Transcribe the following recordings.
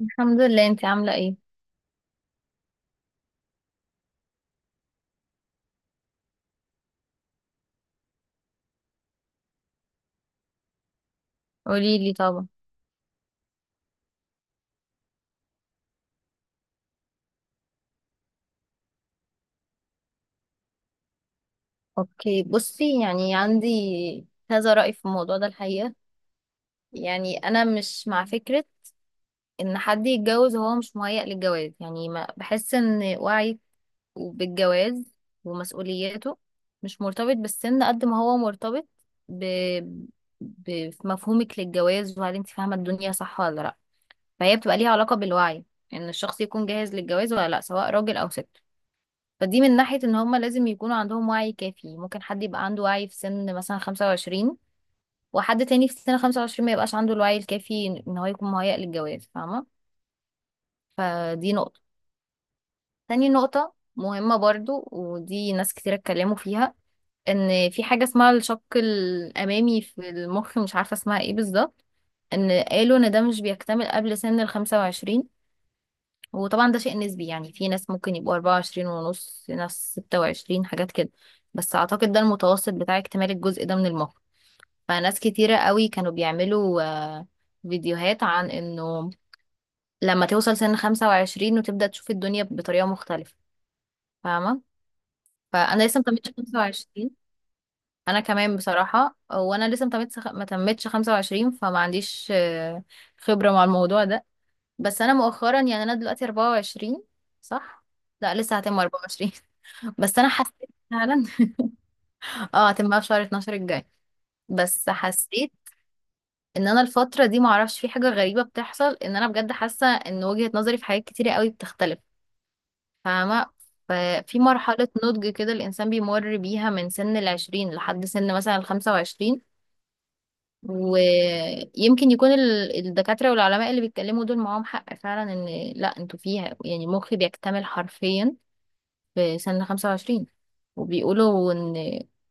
الحمد لله، انت عاملة ايه؟ قولي لي طبعا. اوكي، بصي، يعني عندي كذا رأي في الموضوع ده الحقيقة. يعني انا مش مع فكرة ان حد يتجوز وهو مش مهيأ للجواز. يعني ما بحس ان وعيك بالجواز ومسؤولياته مش مرتبط بالسن قد ما هو مرتبط ب... بمفهومك للجواز، وهل انت فاهمة الدنيا صح ولا لا؟ فهي بتبقى ليها علاقة بالوعي ان الشخص يكون جاهز للجواز ولا لا، سواء راجل او ست. فدي من ناحية ان هما لازم يكونوا عندهم وعي كافي. ممكن حد يبقى عنده وعي في سن مثلا 25، وحد تاني في سن 25 ما يبقاش عنده الوعي الكافي ان هو يكون مهيأ للجواز، فاهمة؟ فدي نقطة. تاني نقطة مهمة برضو، ودي ناس كتير اتكلموا فيها، ان في حاجة اسمها الشق الأمامي في المخ، مش عارفة اسمها ايه بالظبط، ان قالوا ان ده مش بيكتمل قبل سن ال 25. وطبعا ده شيء نسبي، يعني في ناس ممكن يبقوا 24 ونص، ناس 26، حاجات كده. بس اعتقد ده المتوسط بتاع اكتمال الجزء ده من المخ. فناس كتيرة قوي كانوا بيعملوا فيديوهات عن انه لما توصل سن 25 وتبدأ تشوف الدنيا بطريقة مختلفة، فاهمة؟ فانا لسه متمتش 25. انا كمان بصراحة، وانا لسه متمتش ما تمتش 25، فما عنديش خبرة مع الموضوع ده. بس انا مؤخرا، يعني انا دلوقتي 24، صح؟ لا، لسه هتم 24. بس انا حسيت فعلا اه، هتبقى في شهر 12 الجاي. بس حسيت ان انا الفتره دي، معرفش في حاجه غريبه بتحصل، ان انا بجد حاسه ان وجهه نظري في حاجات كتيره قوي بتختلف، فاهمه؟ ففي مرحله نضج كده الانسان بيمر بيها من سن العشرين لحد سن مثلا الخمسة وعشرين. ويمكن يكون الدكاتره والعلماء اللي بيتكلموا دول معاهم حق فعلا، ان لا، انتوا فيها، يعني مخي بيكتمل حرفيا في سن 25. وبيقولوا إن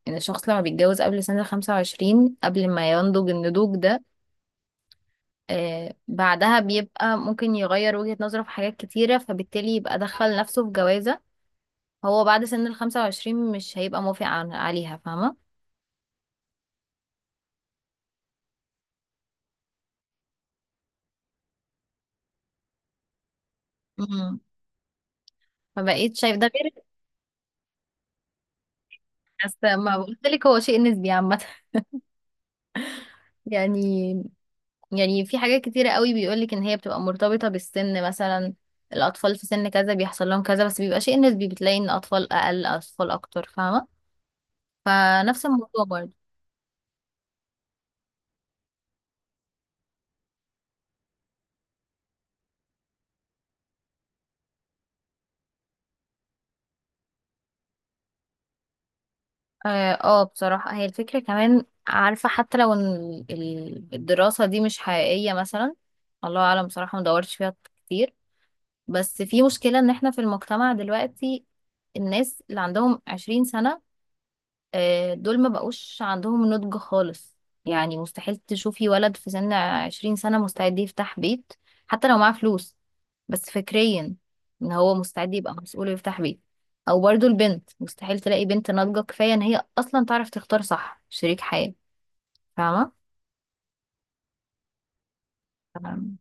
إن الشخص لما بيتجوز قبل سن 25، قبل ما ينضج النضوج ده، آه بعدها بيبقى ممكن يغير وجهة نظره في حاجات كتيرة، فبالتالي يبقى دخل نفسه في جوازة هو بعد سن ال 25 مش هيبقى موافق عليها، فاهمة؟ مم. فبقيت شايف ده غير. بس ما قلت لك، هو شيء نسبي عامة. يعني، يعني في حاجات كتيرة قوي بيقولك ان هي بتبقى مرتبطة بالسن. مثلا الاطفال في سن كذا بيحصل لهم كذا، بس بيبقى شيء نسبي، بتلاقي ان اطفال اقل اطفال اكتر، فاهمة؟ فنفس الموضوع برضه. اه، بصراحة هي الفكرة، كمان عارفة، حتى لو ان الدراسة دي مش حقيقية مثلا، الله اعلم، بصراحة مدورتش فيها كتير. بس في مشكلة، ان احنا في المجتمع دلوقتي الناس اللي عندهم 20 سنة، دول ما بقوش عندهم نضج خالص. يعني مستحيل تشوفي ولد في سن عشرين سنة مستعد يفتح بيت، حتى لو معاه فلوس. بس فكريا، ان هو مستعد يبقى مسؤول ويفتح بيت. او برضو البنت، مستحيل تلاقي بنت ناضجة كفاية ان هي اصلا تعرف تختار صح شريك حياة، فاهمة؟ تمام.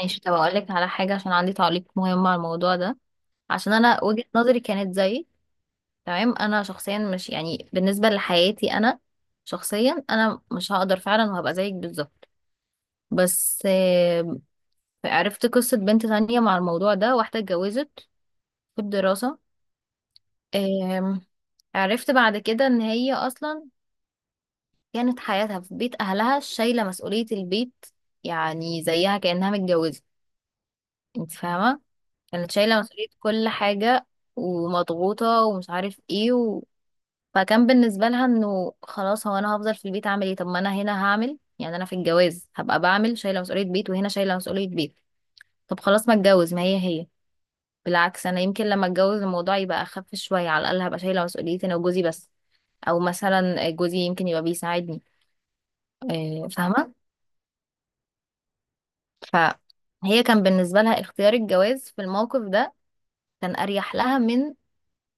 ماشي، طب اقول لك على حاجة عشان عندي تعليق مهم على الموضوع ده. عشان انا وجهة نظري كانت زي... تمام. انا شخصيا، مش يعني بالنسبة لحياتي انا شخصيا، انا مش هقدر فعلا، وهبقى زيك بالظبط. بس عرفت قصة بنت تانية مع الموضوع ده، واحدة اتجوزت في الدراسة. آم، عرفت بعد كده ان هي اصلا كانت حياتها في بيت اهلها، شايلة مسؤولية البيت. يعني زيها كأنها متجوزة، انت فاهمة؟ كانت شايلة مسؤولية كل حاجة، ومضغوطة ومش عارف ايه فكان بالنسبة لها انه خلاص، هو انا هفضل في البيت اعمل ايه؟ طب ما انا هنا هعمل، يعني انا في الجواز هبقى بعمل شايلة مسؤولية بيت، وهنا شايلة مسؤولية بيت. طب خلاص ما اتجوز، ما هي هي. بالعكس، انا يمكن لما اتجوز الموضوع يبقى اخف شويه، على الاقل هبقى شايله مسؤوليتي انا وجوزي بس. او مثلا جوزي يمكن يبقى بيساعدني، فاهمه؟ فهي كان بالنسبه لها اختيار الجواز في الموقف ده كان اريح لها من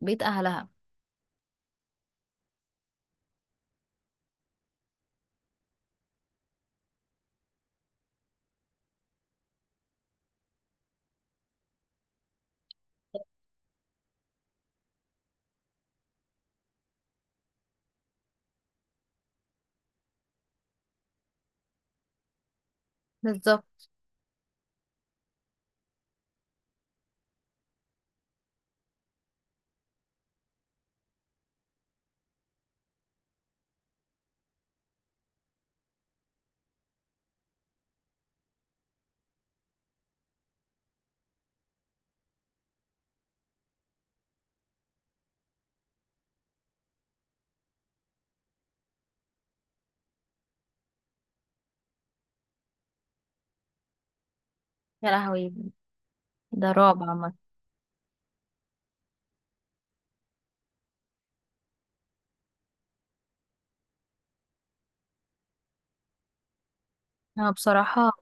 بيت اهلها. بالظبط. يا لهوي، ده رعب عامه. انا بصراحه...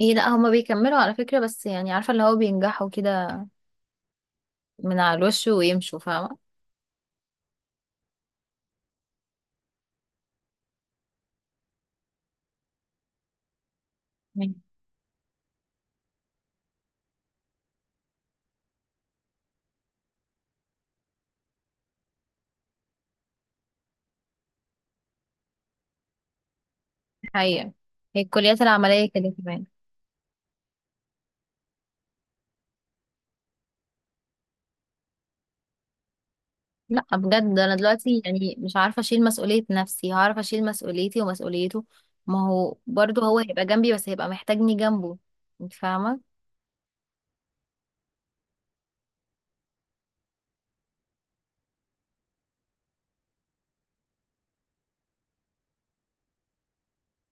ايه لا، هما بيكملوا على فكره، بس يعني عارفه اللي هو بينجحوا كده من على الوش ويمشوا، فاهمه؟ مم. حقيقة، هي الكليات العمليه كده كمان. لا بجد، انا دلوقتي يعني مش عارفه اشيل مسؤوليه نفسي، هعرف اشيل مسؤوليتي ومسؤوليته؟ ما هو برضه هو هيبقى جنبي، بس هيبقى محتاجني جنبه، انت فاهمه؟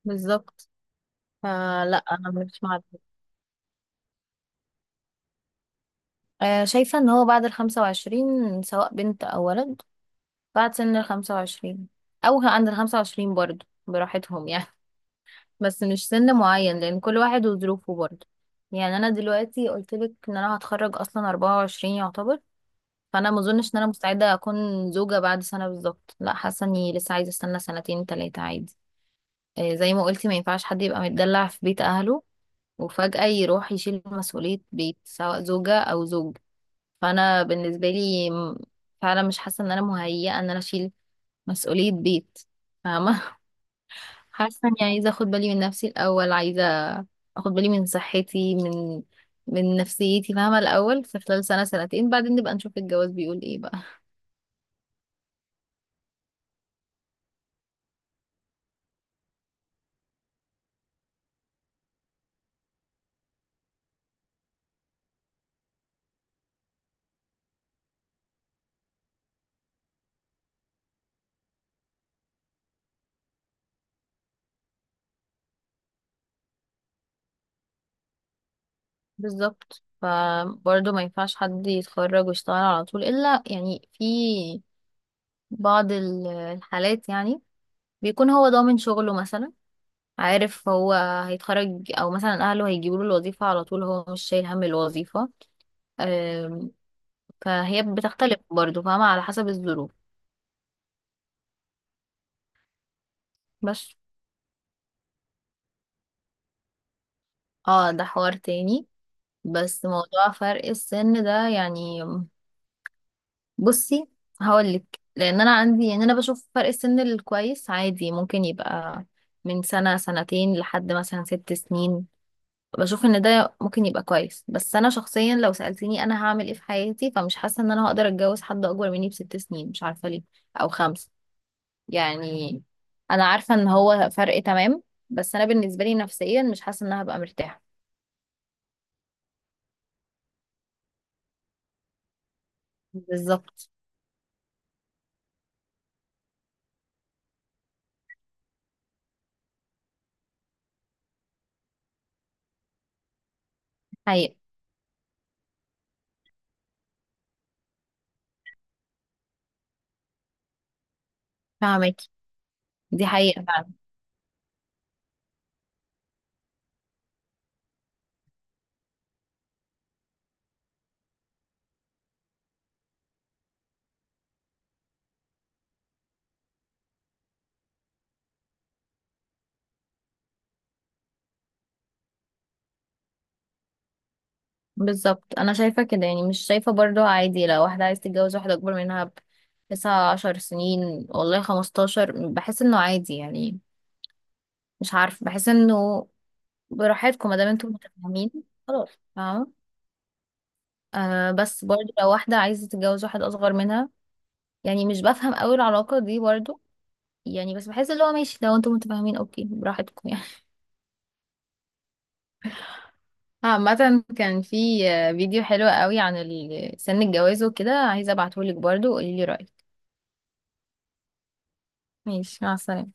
بالظبط. فلا انا مش مع ده. شايفه ان هو بعد الخمسة وعشرين، سواء بنت او ولد، بعد سن الخمسة وعشرين، او عند الخمسة وعشرين برضه، براحتهم يعني. بس مش سن معين، لان كل واحد وظروفه برضه. يعني انا دلوقتي قلت لك ان انا هتخرج اصلا 24 يعتبر. فانا ما اظنش ان انا مستعده اكون زوجه بعد سنه بالظبط، لا، حاسه اني لسه عايزه استنى سنتين تلاتة عادي. زي ما قلتي، ما ينفعش حد يبقى متدلع في بيت اهله وفجاه يروح يشيل مسؤوليه بيت سواء زوجه او زوج. فانا بالنسبه لي فعلا مش حاسه ان انا مهيئه ان انا اشيل مسؤوليه بيت، فاهمه؟ حاسه اني عايزه اخد بالي من نفسي الاول، عايزه اخد بالي من صحتي، من نفسيتي، فاهمه؟ الاول في خلال سنه سنتين بعدين نبقى نشوف الجواز بيقول ايه بقى. بالظبط، فبرضه ما ينفعش حد يتخرج ويشتغل على طول، إلا يعني في بعض الحالات، يعني بيكون هو ضامن شغله مثلا، عارف هو هيتخرج، أو مثلا أهله هيجيبوا له الوظيفة على طول، هو مش شايل هم الوظيفة. أم، فهي بتختلف برضه فاهمة، على حسب الظروف. بس اه، ده حوار تاني، بس موضوع فرق السن ده يعني، بصي هقولك. لان انا عندي، يعني انا بشوف فرق السن الكويس عادي ممكن يبقى من سنة سنتين لحد مثلا ست سنين، بشوف ان ده ممكن يبقى كويس. بس انا شخصيا لو سألتني انا هعمل ايه في حياتي، فمش حاسة ان انا هقدر اتجوز حد اكبر مني بست سنين، مش عارفة ليه، او خمسة، يعني. انا عارفة ان هو فرق تمام، بس انا بالنسبة لي نفسيا مش حاسة ان انا هبقى مرتاحة. بالظبط. حقيقة. فاهمك. دي حقيقة. بالظبط، انا شايفه كده، يعني مش شايفه برضو عادي لو واحده عايز تتجوز واحده اكبر منها بـ 19 سنة، والله خمستاشر، بحس انه عادي يعني. مش عارف بحس انه براحتكم ما دام انتم متفاهمين. خلاص. فاهمه. آه بس برضو لو واحده عايزه تتجوز واحد اصغر منها، يعني مش بفهم قوي العلاقه دي برضو، يعني بس بحس اللي هو ماشي. لو انتم متفاهمين اوكي براحتكم يعني. عامة كان في فيديو حلو قوي عن سن الجواز وكده، عايزة ابعتهولك برضو وقوليلي رأيك. ماشي، مع السلامة.